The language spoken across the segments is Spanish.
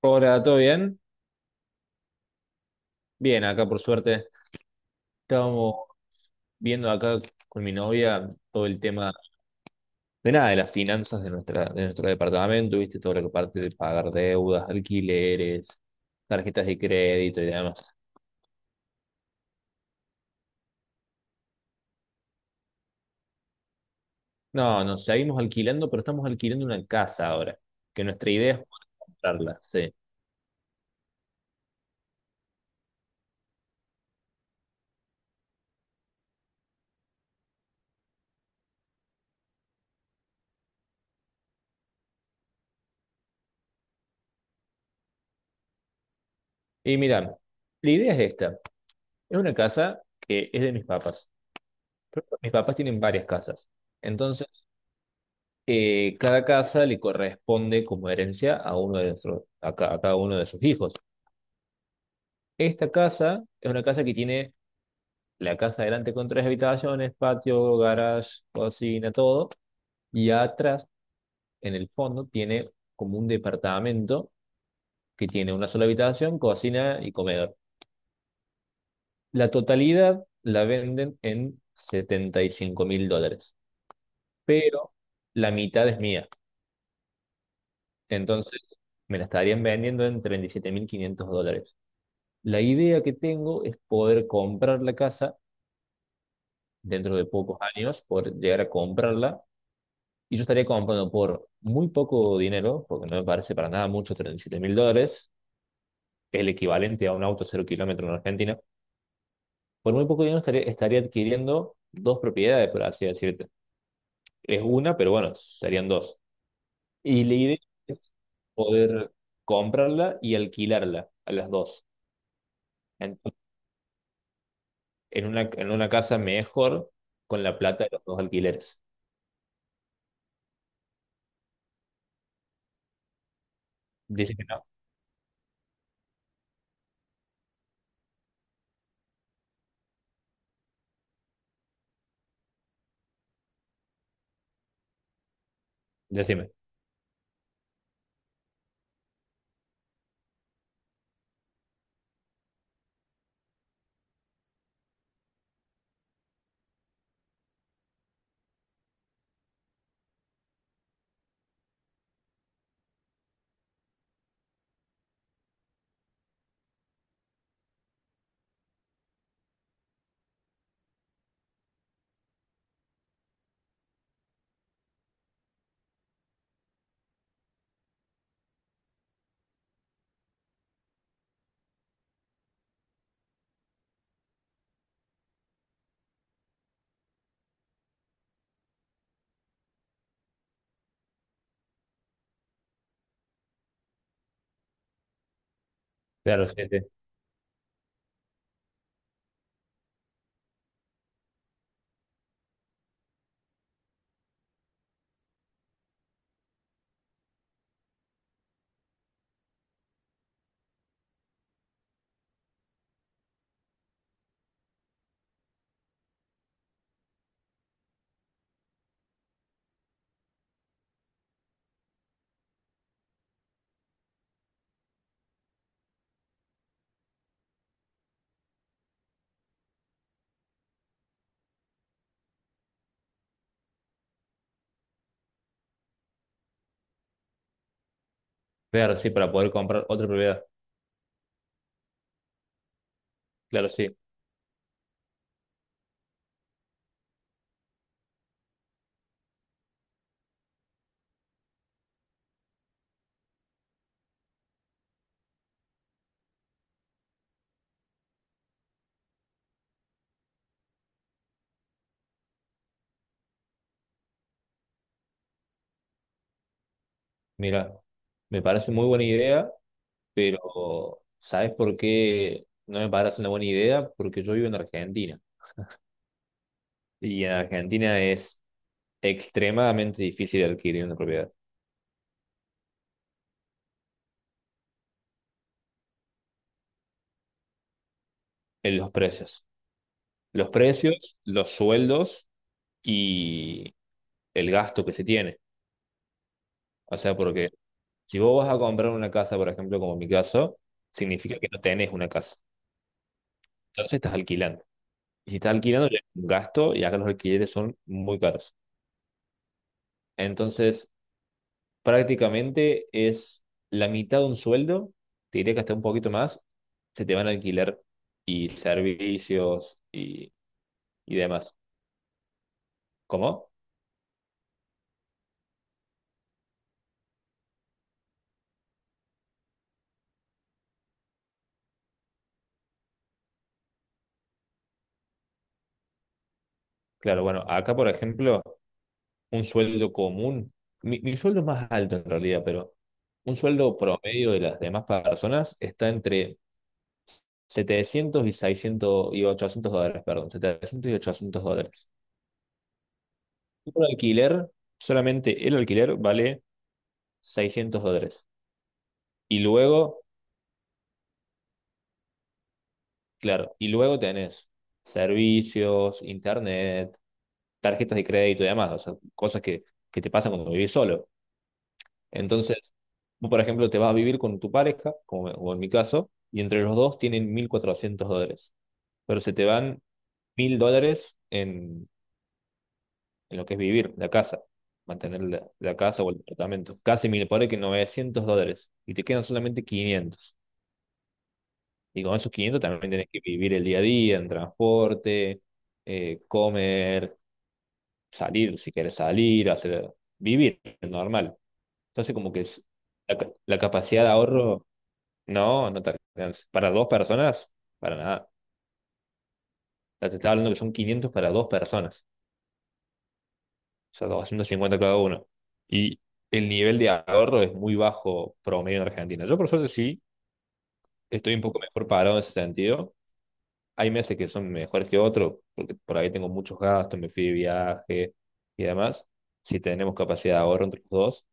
Hola, ¿todo bien? Bien, acá por suerte. Estábamos viendo acá con mi novia todo el tema de nada, de las finanzas de nuestro departamento, ¿viste? Todo lo que parte de pagar deudas, alquileres, tarjetas de crédito y demás. No, nos seguimos alquilando, pero estamos alquilando una casa ahora, que nuestra idea es comprarla, sí. Y mira, la idea es esta. Es una casa que es de mis papás. Mis papás tienen varias casas. Entonces, cada casa le corresponde como herencia a uno de nuestros, a cada uno de sus hijos. Esta casa es una casa que tiene la casa adelante con tres habitaciones, patio, garage, cocina, todo, y atrás, en el fondo, tiene como un departamento que tiene una sola habitación, cocina y comedor. La totalidad la venden en US$75.000, pero la mitad es mía. Entonces, me la estarían vendiendo en US$37.500. La idea que tengo es poder comprar la casa dentro de pocos años, poder llegar a comprarla. Y yo estaría comprando por muy poco dinero, porque no me parece para nada mucho, US$37.000, el equivalente a un auto cero kilómetro en Argentina. Por muy poco dinero estaría adquiriendo dos propiedades, por así decirte. Es una, pero bueno, serían dos. Y la idea es poder comprarla y alquilarla a las dos. Entonces, en una casa mejor con la plata de los dos alquileres. Dice que no. Decime, claro, sí, sí. Claro, sí, para poder comprar otra propiedad. Claro, sí. Mira, me parece muy buena idea, pero ¿sabes por qué no me parece una buena idea? Porque yo vivo en Argentina y en Argentina es extremadamente difícil adquirir una propiedad en los precios. Los precios, los sueldos y el gasto que se tiene. O sea, porque si vos vas a comprar una casa, por ejemplo, como en mi caso, significa que no tenés una casa. Entonces estás alquilando. Y si está alquilando, ya es un gasto y acá los alquileres son muy caros. Entonces, prácticamente es la mitad de un sueldo, te diría que hasta un poquito más, se te van a alquilar y servicios y demás. ¿Cómo? Claro, bueno, acá por ejemplo, un sueldo común, mi sueldo es más alto en realidad, pero un sueldo promedio de las demás personas está entre 700 y 600 y 800 dólares, perdón, 700 y 800 dólares. Un alquiler, solamente el alquiler vale US$600. Y luego, claro, y luego tenés servicios, internet, tarjetas de crédito y demás, o sea, cosas que te pasan cuando vivís solo. Entonces, vos, por ejemplo, te vas a vivir con tu pareja, como en mi caso, y entre los dos tienen US$1.400. Pero se te van US$1.000 en lo que es vivir, la casa, mantener la casa o el departamento. Casi 1.000 por ahí que US$900. Y te quedan solamente quinientos. Y con esos 500 también tenés que vivir el día a día en transporte, comer, salir si querés salir, hacer, vivir normal. Entonces como que la capacidad de ahorro, no, no te alcanza. Para dos personas, para nada. Ya te estaba hablando que son 500 para dos personas, o sea, 250 cada uno. Y el nivel de ahorro es muy bajo promedio en Argentina. Yo por suerte sí, estoy un poco mejor parado en ese sentido. Hay meses que son mejores que otros, porque por ahí tengo muchos gastos, me fui de viaje y demás, si tenemos capacidad de ahorro entre los dos,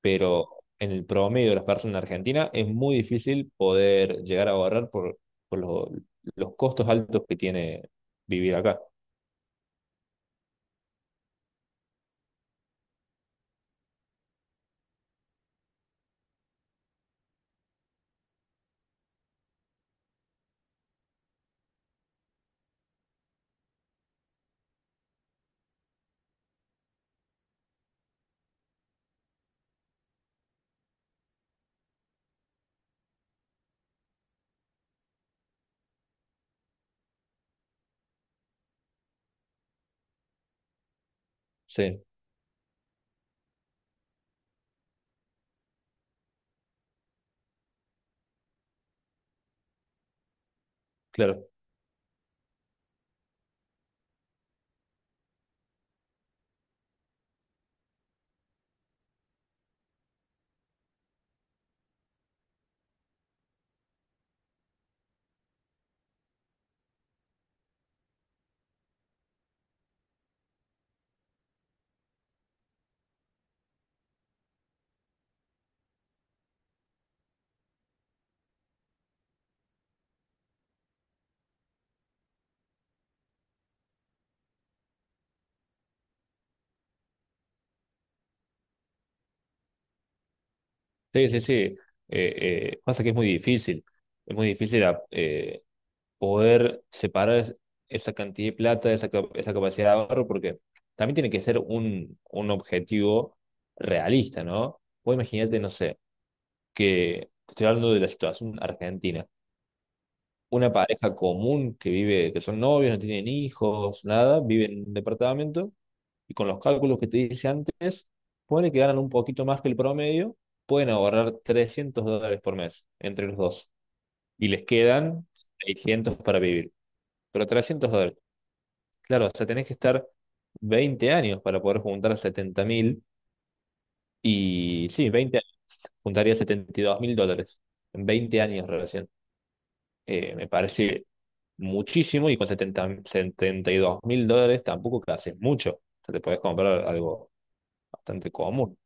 pero en el promedio de las personas en Argentina es muy difícil poder llegar a ahorrar por los costos altos que tiene vivir acá. Sí, claro. Sí, sí, sí. Pasa que es muy difícil. Es muy difícil poder separar esa cantidad de plata, esa capacidad de ahorro, porque también tiene que ser un objetivo realista, ¿no? Vos imagínate, no sé, que te estoy hablando de la situación argentina. Una pareja común que vive, que son novios, no tienen hijos, nada, vive en un departamento y con los cálculos que te dije antes, pone que ganan un poquito más que el promedio, pueden ahorrar US$300 por mes entre los dos y les quedan 600 para vivir, pero US$300. Claro, o sea, tenés que estar 20 años para poder juntar 70.000. Y sí, 20 años, juntaría US$72.000. En 20 años recién. Me parece muchísimo y con US$72.000 tampoco que haces mucho. O sea, te podés comprar algo bastante común.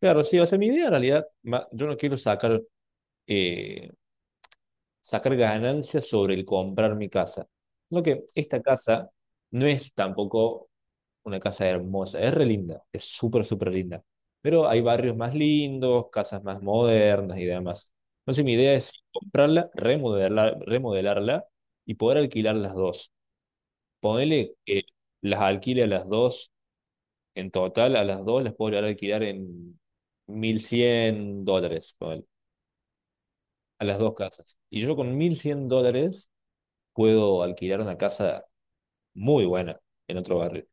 Claro, sí, o sea, mi idea en realidad, yo no quiero eh, sacar ganancias sobre el comprar mi casa. Lo que esta casa no es tampoco una casa hermosa, es re linda, es súper, súper linda. Pero hay barrios más lindos, casas más modernas y demás. Entonces mi idea es comprarla, remodelarla y poder alquilar las dos. Ponele que las alquile a las dos, en total a las dos las puedo llegar a alquilar en US$1.100, ponele, a las dos casas. Y yo con US$1.100 puedo alquilar una casa muy buena en otro barrio.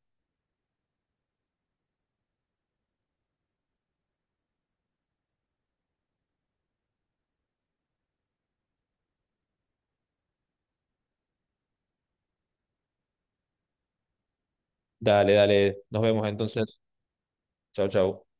Dale, dale, nos vemos entonces. Chau, chau.